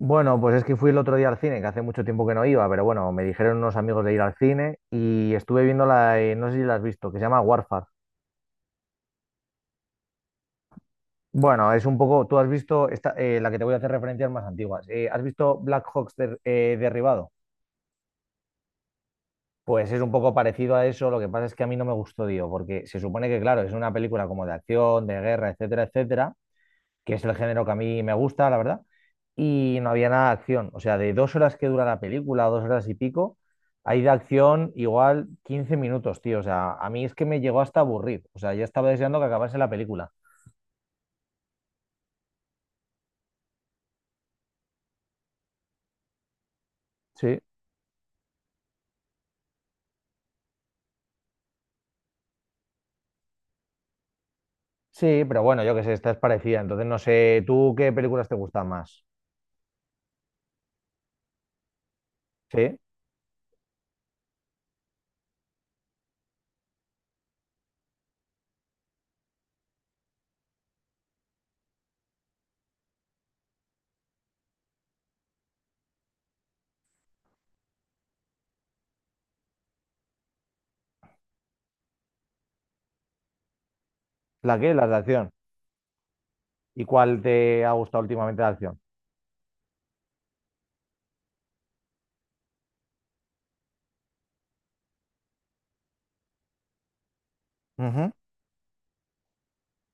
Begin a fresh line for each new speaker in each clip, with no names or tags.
Bueno, pues es que fui el otro día al cine, que hace mucho tiempo que no iba, pero bueno, me dijeron unos amigos de ir al cine y estuve viendo la, no sé si la has visto, que se llama Warfare. Bueno, es un poco, tú has visto esta, la que te voy a hacer referencias más antiguas. ¿Has visto Black Hawks derribado? Pues es un poco parecido a eso, lo que pasa es que a mí no me gustó, tío, porque se supone que, claro, es una película como de acción, de guerra, etcétera, etcétera, que es el género que a mí me gusta, la verdad, y no había nada de acción. O sea, de 2 horas que dura la película, 2 horas y pico, hay de acción igual 15 minutos, tío. O sea, a mí es que me llegó hasta a aburrir. O sea, ya estaba deseando que acabase la película. Sí. Sí, pero bueno, yo qué sé, esta es parecida. Entonces, no sé, ¿tú qué películas te gustan más? ¿Sí? ¿La qué? Las de acción. ¿Y cuál te ha gustado últimamente de acción? Ujú.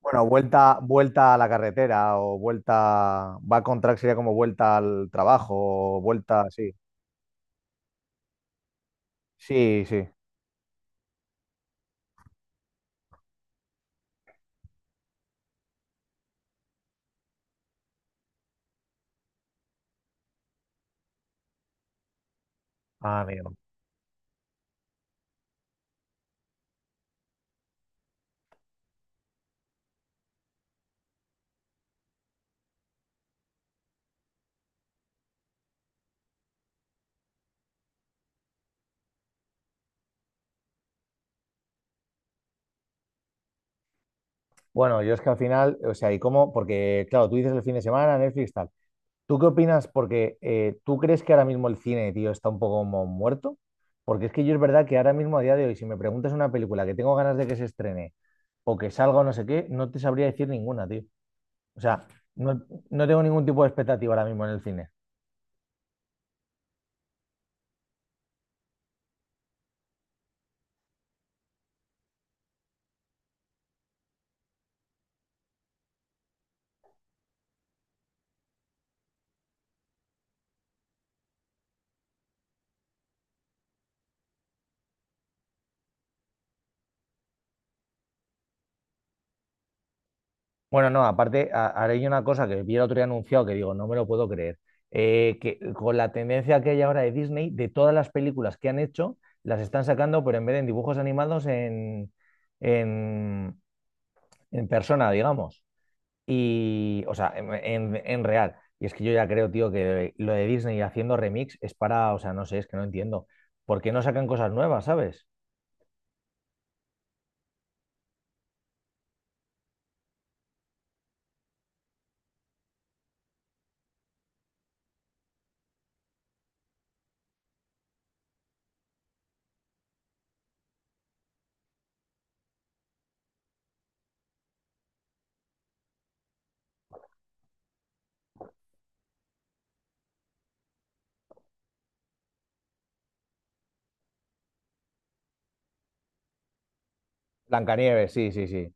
Bueno, vuelta, vuelta a la carretera o vuelta, va con track sería como vuelta al trabajo o vuelta, sí. Sí, sí. Ah, amigo. Bueno, yo es que al final, o sea, ¿y cómo? Porque, claro, tú dices el fin de semana, Netflix, tal. ¿Tú qué opinas? Porque ¿tú crees que ahora mismo el cine, tío, ¿está un poco como muerto? Porque es que yo es verdad que ahora mismo, a día de hoy, si me preguntas una película que tengo ganas de que se estrene o que salga o no sé qué, no te sabría decir ninguna, tío. O sea, no, no tengo ningún tipo de expectativa ahora mismo en el cine. Bueno, no, aparte, ahora hay una cosa que vi el otro día anunciado que digo, no me lo puedo creer. Que con la tendencia que hay ahora de Disney, de todas las películas que han hecho, las están sacando, pero en vez de en dibujos animados, en, en persona, digamos. Y, o sea, en real. Y es que yo ya creo, tío, que lo de Disney haciendo remix es para, o sea, no sé, es que no entiendo. ¿Por qué no sacan cosas nuevas, sabes? Blancanieves, sí, sí, sí.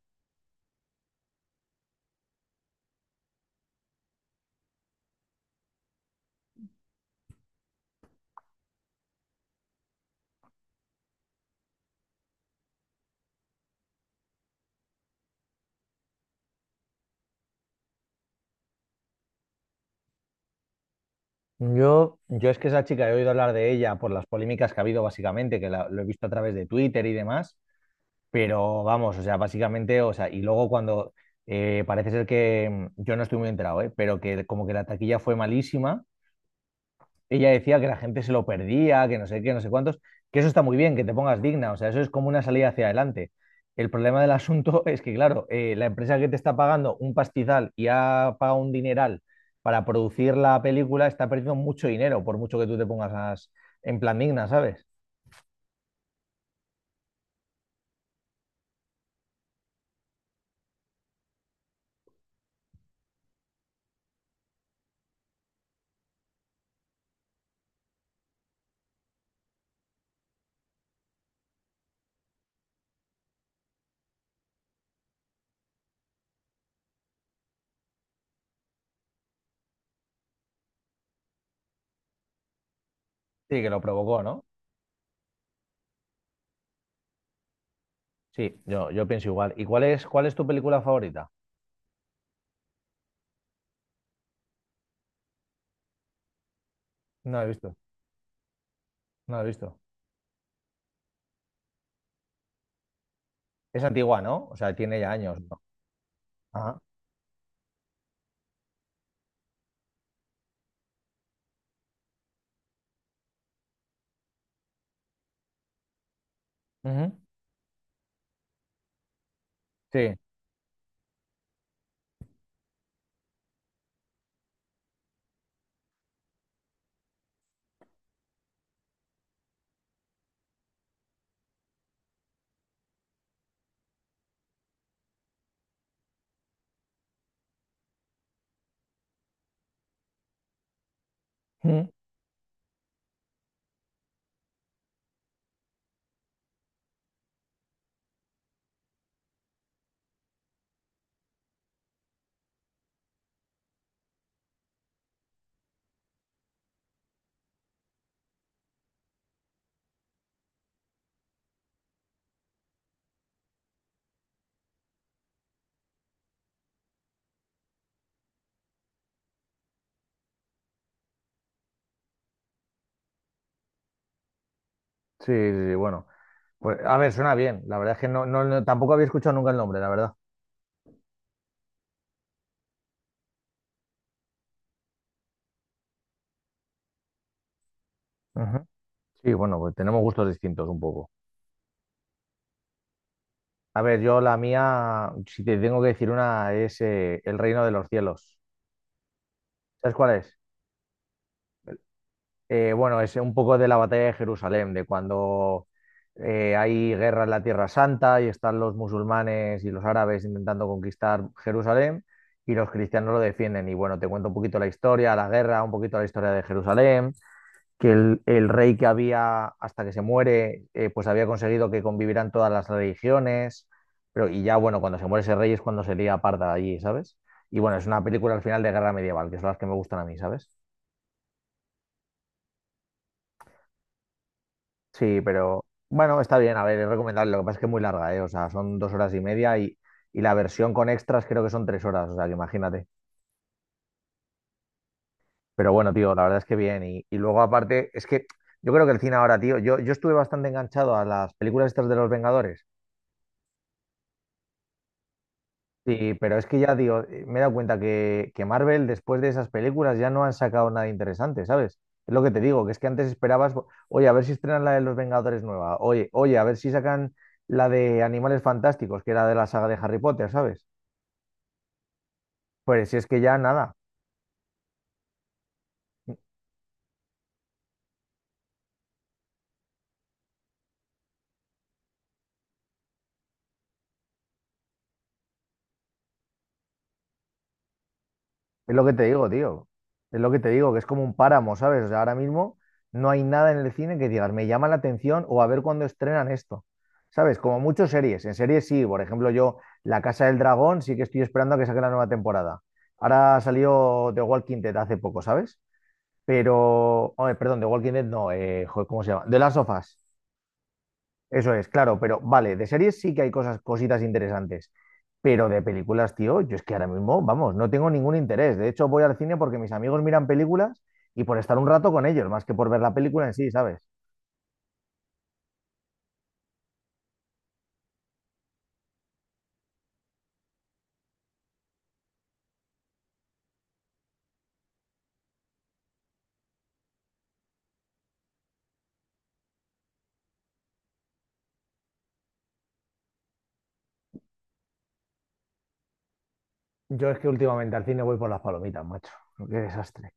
Yo es que esa chica he oído hablar de ella por las polémicas que ha habido básicamente, que lo he visto a través de Twitter y demás, pero vamos, o sea, básicamente, o sea, y luego cuando parece ser que yo no estoy muy enterado, ¿eh? Pero que como que la taquilla fue malísima, ella decía que la gente se lo perdía, que no sé qué, no sé cuántos, que eso está muy bien, que te pongas digna, o sea, eso es como una salida hacia adelante. El problema del asunto es que, claro, la empresa que te está pagando un pastizal y ha pagado un dineral para producir la película está perdiendo mucho dinero, por mucho que tú te pongas en plan digna, ¿sabes? Sí, que lo provocó, ¿no? Sí, yo pienso igual. ¿Y cuál es tu película favorita? No la he visto, no la he visto. Es antigua, ¿no? O sea, tiene ya años, ¿no? Ajá. Ujú. Sí. Sí, sí, sí, bueno. Pues, a ver, suena bien. La verdad es que tampoco había escuchado nunca el nombre, la verdad. Ujú. Sí, bueno, pues tenemos gustos distintos un poco. A ver, yo la mía, si te tengo que decir una, es El Reino de los Cielos. ¿Sabes cuál es? Bueno, es un poco de la batalla de Jerusalén, de cuando hay guerra en la Tierra Santa y están los musulmanes y los árabes intentando conquistar Jerusalén y los cristianos lo defienden. Y bueno, te cuento un poquito la historia, la guerra, un poquito la historia de Jerusalén. Que el rey que había hasta que se muere, pues había conseguido que convivieran todas las religiones, pero y ya bueno, cuando se muere ese rey es cuando se lía parda allí, ¿sabes? Y bueno, es una película al final de guerra medieval, que son las que me gustan a mí, ¿sabes? Sí, pero bueno, está bien, a ver, es recomendable, lo que pasa es que es muy larga, ¿eh? O sea, son 2 horas y media y la versión con extras creo que son 3 horas, o sea, que imagínate. Pero bueno, tío, la verdad es que bien. Y luego aparte, es que yo creo que el cine ahora, tío, yo estuve bastante enganchado a las películas estas de los Vengadores. Sí, pero es que ya digo, me he dado cuenta que Marvel después de esas películas ya no han sacado nada interesante, ¿sabes? Es lo que te digo, que es que antes esperabas, oye, a ver si estrenan la de los Vengadores nueva, oye, oye, a ver si sacan la de Animales Fantásticos, que era de la saga de Harry Potter, ¿sabes? Pues si es que ya nada. Es lo que te digo, tío. Es lo que te digo, que es como un páramo, ¿sabes? O sea, ahora mismo no hay nada en el cine que digas, me llama la atención o a ver cuándo estrenan esto. ¿Sabes? Como muchas series. En series sí, por ejemplo, yo La Casa del Dragón sí que estoy esperando a que saque la nueva temporada. Ahora salió The Walking Dead hace poco, ¿sabes? Pero, oye, perdón, The Walking Dead no, joder, ¿cómo se llama? The Last of Us. Eso es, claro, pero vale, de series sí que hay cosas, cositas interesantes, pero de películas, tío, yo es que ahora mismo, vamos, no tengo ningún interés. De hecho, voy al cine porque mis amigos miran películas y por estar un rato con ellos, más que por ver la película en sí, ¿sabes? Yo es que últimamente al cine voy por las palomitas, macho. Qué desastre.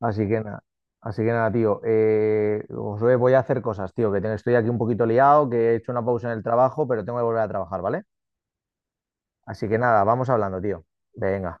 Así que nada, así que nada, tío. Josué, voy a hacer cosas, tío, que estoy aquí un poquito liado, que he hecho una pausa en el trabajo, pero tengo que volver a trabajar, ¿vale? Así que nada, vamos hablando, tío. Venga.